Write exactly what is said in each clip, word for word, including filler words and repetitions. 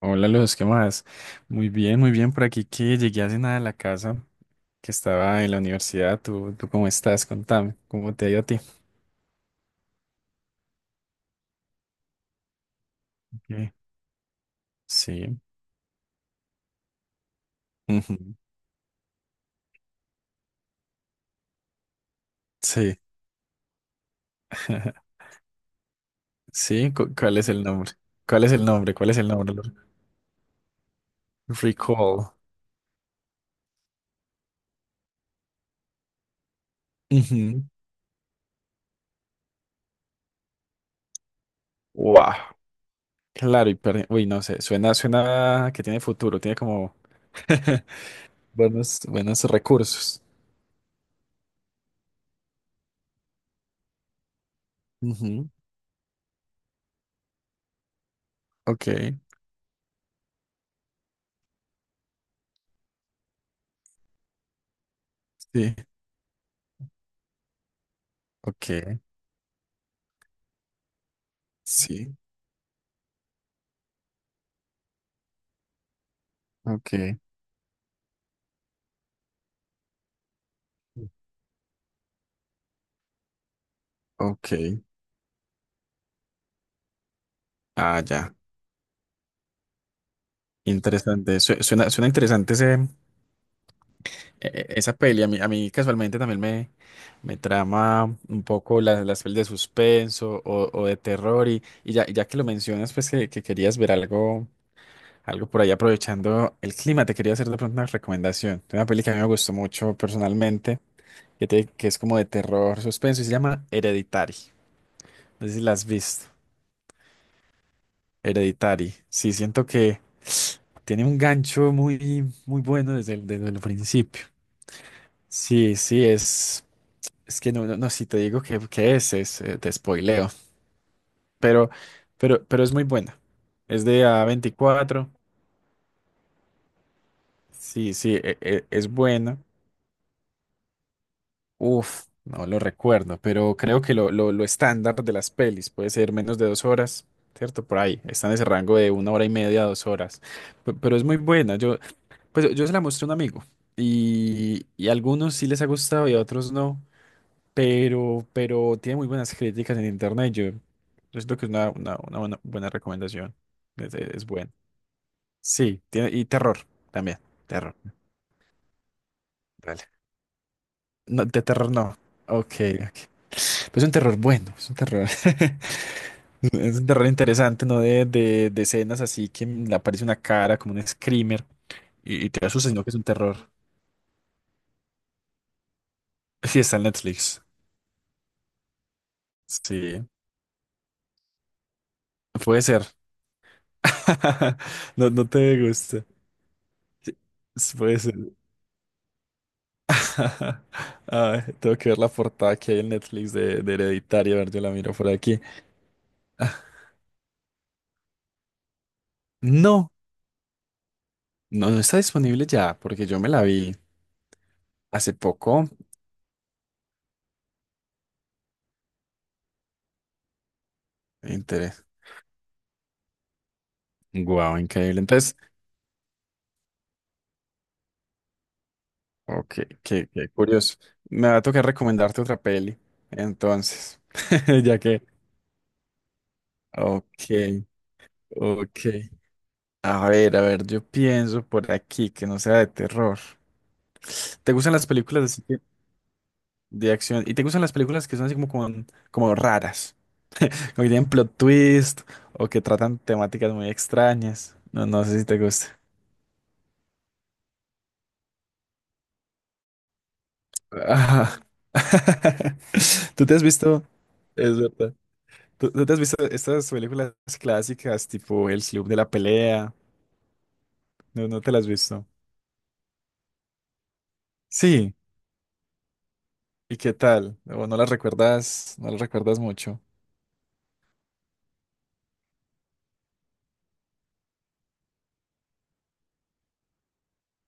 Hola, los ¿qué más? Muy bien, muy bien por aquí que llegué hace nada a la casa, que estaba en la universidad. ¿Tú, tú cómo estás? Contame, ¿cómo te ha ido a ti? Ok. Sí. Ujú. Sí. Sí, cu- ¿cuál es el nombre? ¿Cuál es el nombre? ¿Cuál es el nombre? Lore? Recall. Ujú. Wow. Claro, y perdi- uy, no sé, suena, suena que tiene futuro, tiene como buenos, buenos recursos. Ujú. Ok, sí, ok, sí, ok. Ok. Ah, ya. Interesante. Su- Suena, suena interesante ese, e- e-, esa peli. A mí, a mí casualmente también me, me trama un poco la- las pelis de suspenso o, o de terror. Y, y ya, ya que lo mencionas, pues que, que querías ver algo, algo por ahí aprovechando el clima, te quería hacer de pronto una recomendación. Una peli que a mí me gustó mucho personalmente, que, te- que es como de terror, suspenso, y se llama Hereditary. No sé si la has visto. Hereditary. Sí, siento que tiene un gancho muy, muy bueno desde el, desde el principio. Sí, sí, es, es que no, no, no, si te digo que, que es, es, eh, te spoileo, pero, pero, pero es muy buena. Es de a veinticuatro. Sí, sí, e- e- es buena. Uf, no lo recuerdo, pero creo que lo, lo, lo estándar de las pelis puede ser menos de dos horas, ¿cierto? Por ahí, está en ese rango de una hora y media a dos horas. Pe- pero es muy buena. Yo, pues yo se la mostré a un amigo y, y a algunos sí les ha gustado y a otros no. pero, pero tiene muy buenas críticas en internet. Yo, yo siento que es una, una, una buena, buena recomendación. Es, es- es buena. Sí, tiene, y terror también. Terror. Dale. No, de terror no. Ok, ok. Pero es un terror bueno, es un terror. Es un terror interesante, ¿no? De, de, de escenas así que le aparece una cara como un screamer y, y te asusta, sino que es un terror. Sí, está en Netflix. Sí, puede ser. No, no te gusta. Sí, puede ser. Ay, tengo que ver la portada que hay en Netflix de, de Hereditario. A ver, yo la miro por aquí. Ah, no, no, no está disponible ya, porque yo me la vi hace poco. Interés. Guau, increíble. Entonces, ok, qué, qué curioso. Me va a tocar recomendarte otra peli. Entonces, ya que. Ok, ok. A ver, a ver, yo pienso por aquí que no sea de terror. ¿Te gustan las películas así que- de acción? ¿Y te gustan las películas que son así como, con- como raras? ¿O que tienen plot twist, o que tratan temáticas muy extrañas? No, no sé si te gusta. Ajá. ¿Tú te has visto? Es verdad. ¿Tú, tú te has visto estas películas clásicas tipo El Club de la Pelea? No, no te las has visto. Sí. ¿Y qué tal? ¿O no las recuerdas? No las recuerdas mucho.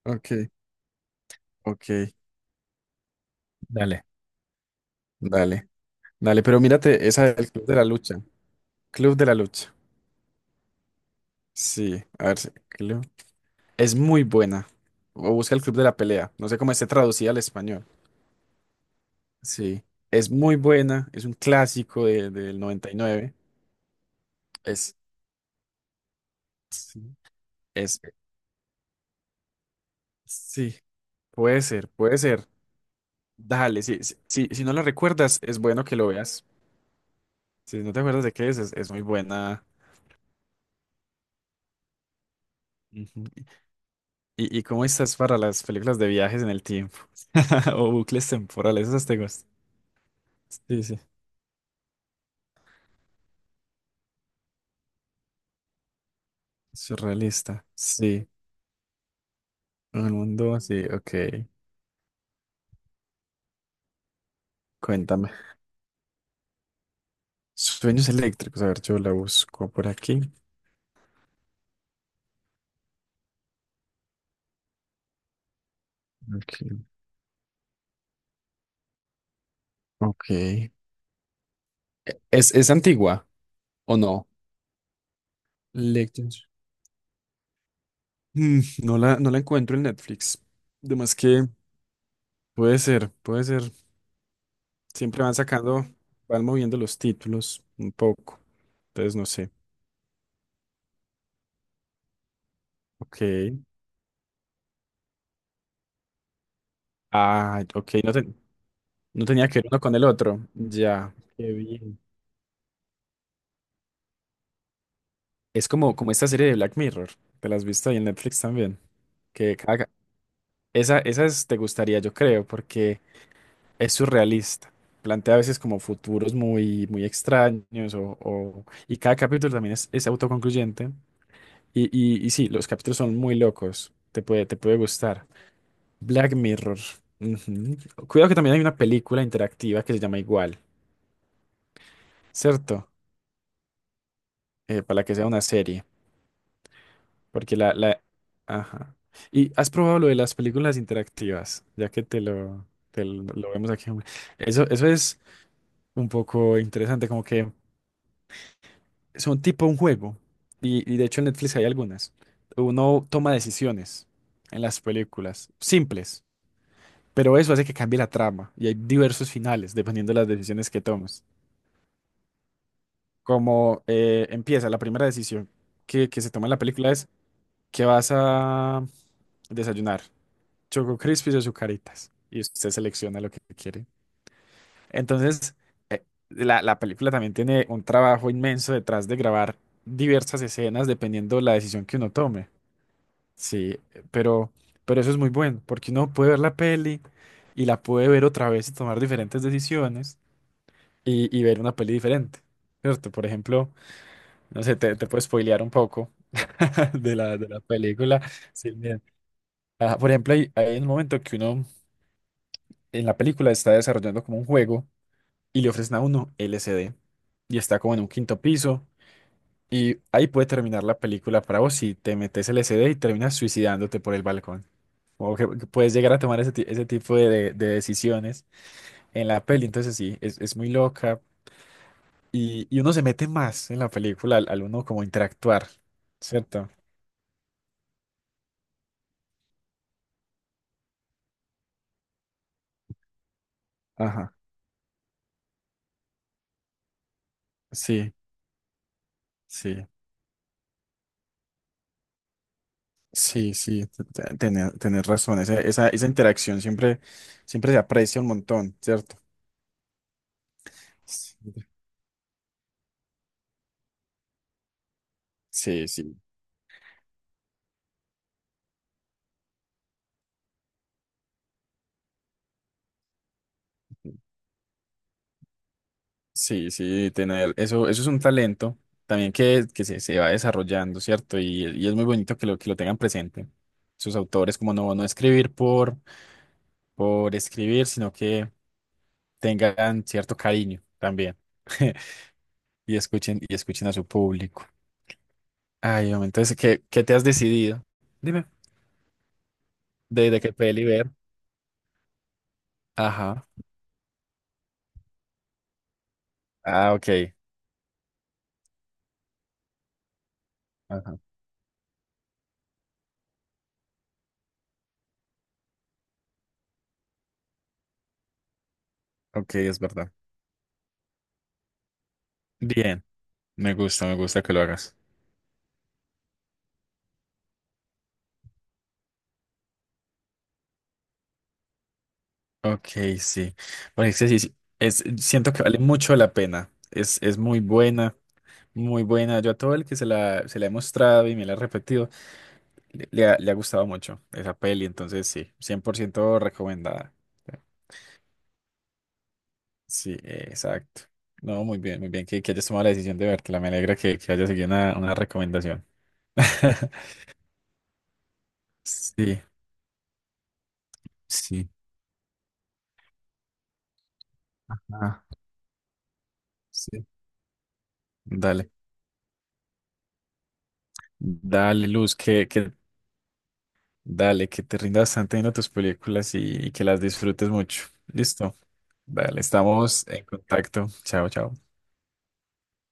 Ok, ok. Dale. Dale. Dale, pero mírate esa del Club de la Lucha. Club de la Lucha. Sí, a ver, sí, Club. Es muy buena. O busca el Club de la Pelea. No sé cómo esté traducida al español. Sí. Es muy buena. Es un clásico de- del noventa y nueve. Es, sí, es, sí. Puede ser, puede ser. Dale, sí, sí, sí, si no la recuerdas, es bueno que lo veas. Si no te acuerdas de qué es, es, es muy buena. Ujú. ¿Y, y cómo estás para las películas de viajes en el tiempo? O bucles temporales, esas te gustan. Sí, sí. Surrealista. Sí. El mundo, sí, ok. Cuéntame. Sueños eléctricos. A ver, yo la busco por aquí. Aquí. Ok. E- ¿Es, es antigua o no? Lectures. Mm, no la, no la encuentro en Netflix. Además que puede ser, puede ser. Siempre van sacando, van moviendo los títulos un poco. Entonces no sé. Ok. Ah, ok. No, te- no tenía que ver uno con el otro. Ya. Qué bien. Es como, como esta serie de Black Mirror. Te la has visto ahí en Netflix también. Que cada- esa, esa es- te gustaría, yo creo, porque es surrealista. Plantea a veces como futuros muy, muy extraños o, o- y cada capítulo también es, es autoconcluyente. Y, y, y sí, los capítulos son muy locos. Te puede, te puede gustar. Black Mirror. Ujú. Cuidado que también hay una película interactiva que se llama igual, ¿cierto? Eh, para que sea una serie. Porque la, la... Ajá. ¿Y has probado lo de las películas interactivas? Ya que te lo, te lo lo vemos aquí. Eso, eso es un poco interesante, como que... son tipo un juego. Y, y de hecho en Netflix hay algunas. Uno toma decisiones en las películas, simples, pero eso hace que cambie la trama. Y hay diversos finales dependiendo de las decisiones que tomas. Como eh, empieza, la primera decisión que, que se toma en la película es que vas a desayunar Choco Crispies o Zucaritas. Y usted selecciona lo que quiere. Entonces, eh, la, la película también tiene un trabajo inmenso detrás de grabar diversas escenas dependiendo la decisión que uno tome. Sí, pero, pero eso es muy bueno, porque uno puede ver la peli y la puede ver otra vez y tomar diferentes decisiones y, y ver una peli diferente, ¿cierto? Por ejemplo, no sé, te, te puedo spoilear un poco de la, de la película. Sí, bien. Ah, por ejemplo, hay, hay un momento que uno en la película está desarrollando como un juego y le ofrecen a uno L S D y está como en un quinto piso y ahí puede terminar la película para vos si te metes L S D y terminas suicidándote por el balcón. O que, que puedes llegar a tomar ese, ti- ese tipo de, de- de decisiones en la peli. Entonces sí, es, es muy loca. Y, y uno se mete más en la película al, al uno como interactuar, ¿cierto? Ajá. Sí, sí, sí, sí, te- te- tener- tenés razón. Esa, esa, esa interacción siempre, siempre se aprecia un montón, ¿cierto? Sí, sí. Sí. Sí, sí, tener eso, eso es un talento también que, que se, se va desarrollando, ¿cierto? Y, y es muy bonito que lo, que lo tengan presente. Sus autores, como no, no escribir por, por escribir, sino que tengan cierto cariño también. Y escuchen, y escuchen a su público. Ay, hombre, entonces, ¿qué, qué te has decidido? Dime. ¿De, de qué peli ver? Ajá. Ah, ok. Ajá. Ok, es verdad. Bien, me gusta, me gusta que lo hagas. Ok, sí. Porque sí, sí, sí, es, siento que vale mucho la pena. Es, es muy buena, muy buena. Yo a todo el que se la, se la he mostrado y me la ha repetido, le, le ha, le ha gustado mucho esa peli. Entonces, sí, cien por ciento recomendada. Sí, eh, exacto. No, muy bien, muy bien que, que hayas tomado la decisión de vértela. Me alegra que, que hayas seguido una, una recomendación. Sí, sí. Ah, sí. Dale, dale, Luz, que, que dale, que te rinda bastante viendo tus películas y, y que las disfrutes mucho. Listo. Dale, estamos en contacto. Chao, chao.